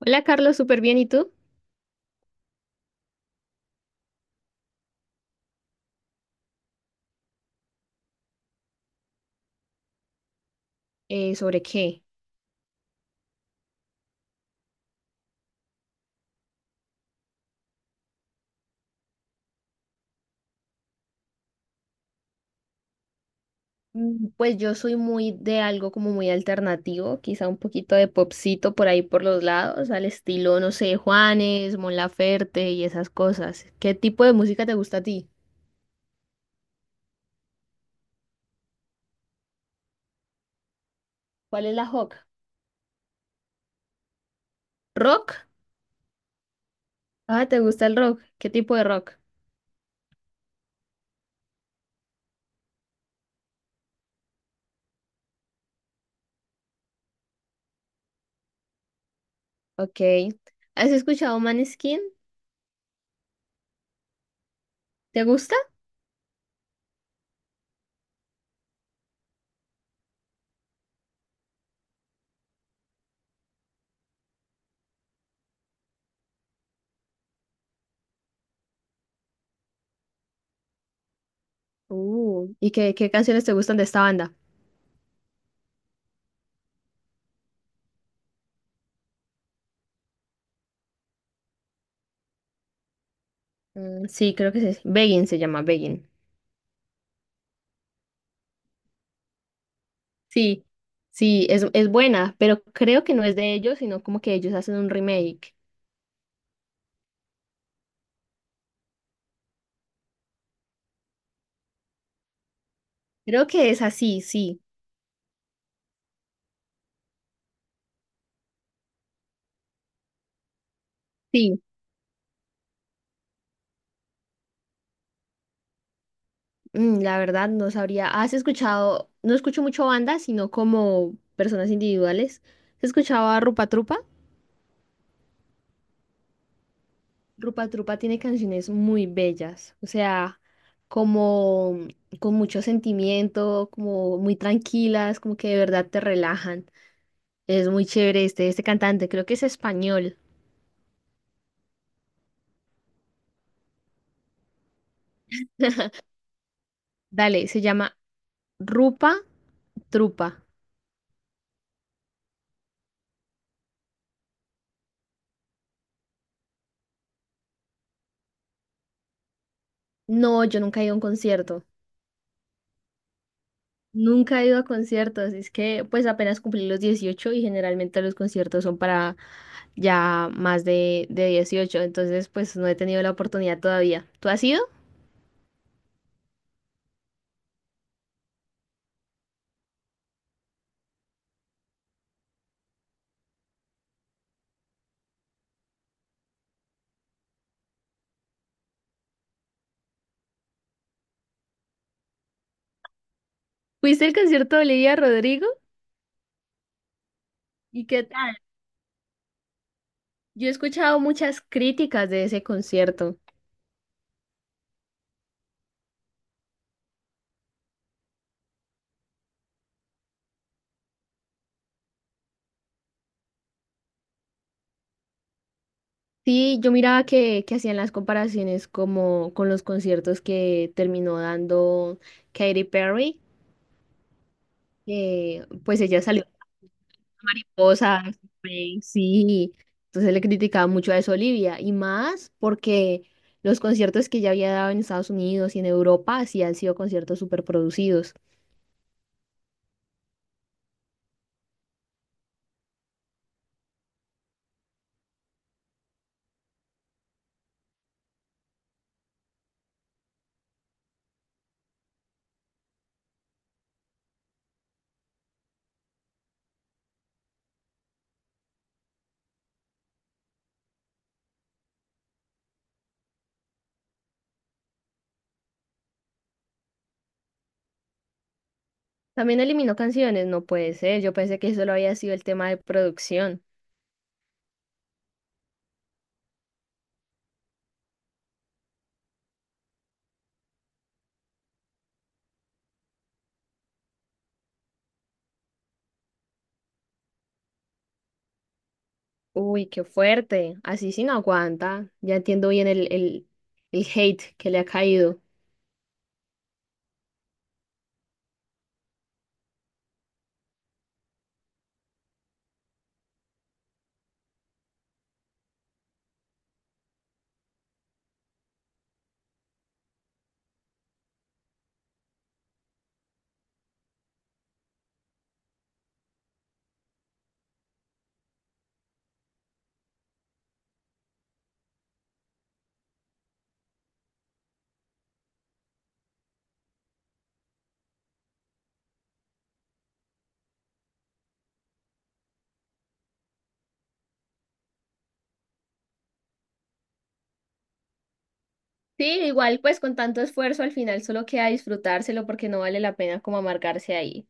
Hola Carlos, súper bien. ¿Y tú? ¿Sobre qué? Pues yo soy muy de algo como muy alternativo, quizá un poquito de popcito por ahí por los lados, al estilo, no sé, Juanes, Mon Laferte y esas cosas. ¿Qué tipo de música te gusta a ti? ¿Cuál es la rock? ¿Rock? Ah, ¿te gusta el rock? ¿Qué tipo de rock? Ok. ¿Has escuchado Maneskin? ¿Te gusta? ¿Y qué canciones te gustan de esta banda? Mm, sí, creo que sí. Begin se llama Begin. Sí, sí, es buena, pero creo que no es de ellos, sino como que ellos hacen un remake. Creo que es así, sí, sí. Mm, la verdad no sabría. ¿Has escuchado? No escucho mucho bandas, sino como personas individuales. ¿Has escuchado a Rupa Trupa? Rupa Trupa tiene canciones muy bellas, o sea, como con mucho sentimiento, como muy tranquilas, como que de verdad te relajan. Es muy chévere este cantante, creo que es español. Dale, se llama Rupa. Trupa. No, yo nunca he ido a un concierto. Nunca he ido a conciertos. Es que pues apenas cumplí los 18 y generalmente los conciertos son para ya más de 18. Entonces pues no he tenido la oportunidad todavía. ¿Tú has ido? ¿Fuiste al concierto de Olivia Rodrigo? ¿Y qué tal? Yo he escuchado muchas críticas de ese concierto. Sí, yo miraba que hacían las comparaciones como con los conciertos que terminó dando Katy Perry, que pues ella salió. Mariposas, sí. Entonces le criticaba mucho a eso a Olivia y más porque los conciertos que ya había dado en Estados Unidos y en Europa sí han sido conciertos súper producidos. También eliminó canciones, no puede ser. Yo pensé que solo había sido el tema de producción. Uy, qué fuerte. Así sí no aguanta. Ya entiendo bien el hate que le ha caído. Sí, igual pues con tanto esfuerzo al final solo queda disfrutárselo porque no vale la pena como amargarse ahí.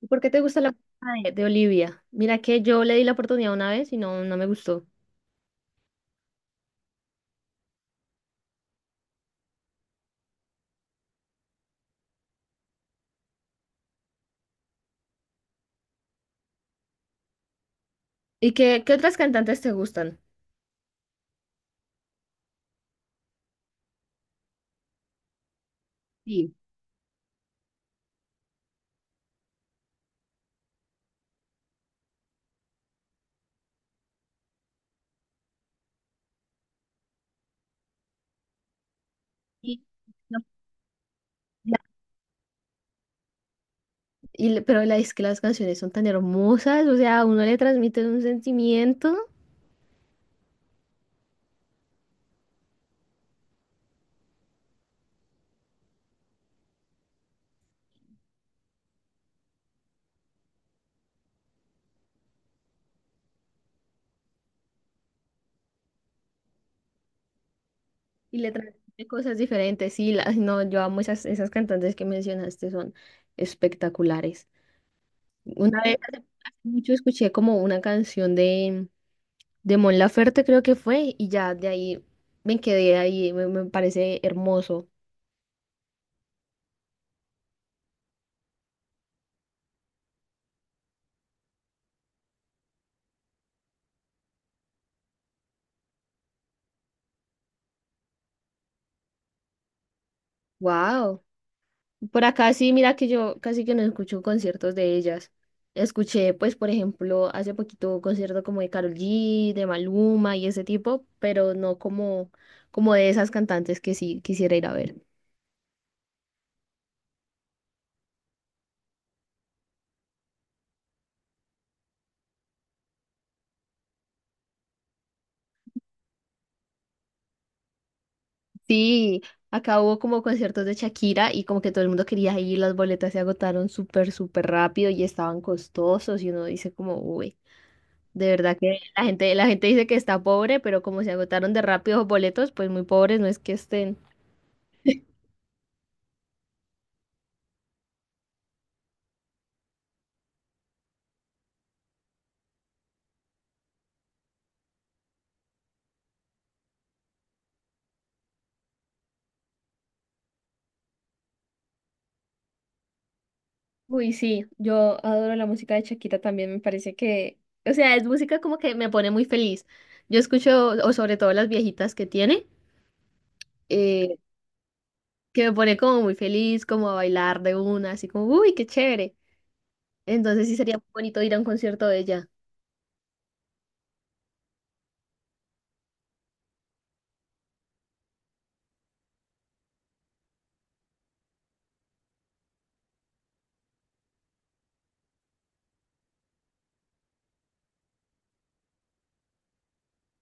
¿Por qué te gusta la música de Olivia? Mira que yo le di la oportunidad una vez y no, no me gustó. ¿Y qué otras cantantes te gustan? Sí. Y- no, la- Y, le- pero la, Es que las canciones son tan hermosas, o sea, a uno le transmite un sentimiento y le transmite cosas diferentes. Sí, no, yo amo esas, esas cantantes que mencionaste, son espectaculares. Una vez hace mucho escuché como una canción de Mon Laferte, creo que fue, y ya de ahí me quedé ahí, me parece hermoso. Wow. Por acá sí, mira que yo casi que no escucho conciertos de ellas. Escuché, pues, por ejemplo, hace poquito un concierto como de Karol G, de Maluma y ese tipo, pero no como, como de esas cantantes que sí quisiera ir a ver. Sí, acá hubo como conciertos de Shakira y como que todo el mundo quería ir, las boletas se agotaron súper, súper rápido y estaban costosos y uno dice como, uy, de verdad que la gente dice que está pobre, pero como se agotaron de rápido los boletos, pues muy pobres no es que estén. Uy, sí, yo adoro la música de Shakira también, me parece que, o sea, es música como que me pone muy feliz. Yo escucho, o sobre todo las viejitas que tiene, eh, que me pone como muy feliz, como a bailar de una, así como, uy, qué chévere. Entonces sí sería muy bonito ir a un concierto de ella.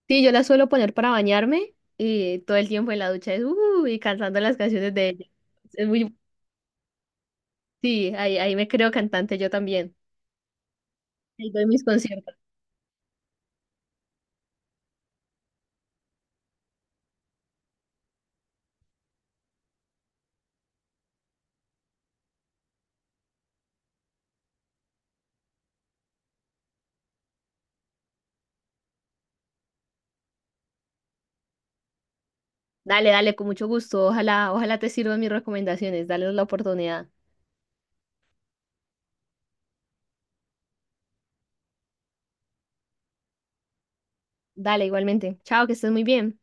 Sí, yo la suelo poner para bañarme y todo el tiempo en la ducha es, uy, cantando las canciones de ella. Es muy, sí, ahí me creo cantante yo también. Ahí doy mis conciertos. Dale, dale, con mucho gusto. Ojalá, ojalá te sirvan mis recomendaciones. Dale la oportunidad. Dale, igualmente. Chao, que estés muy bien.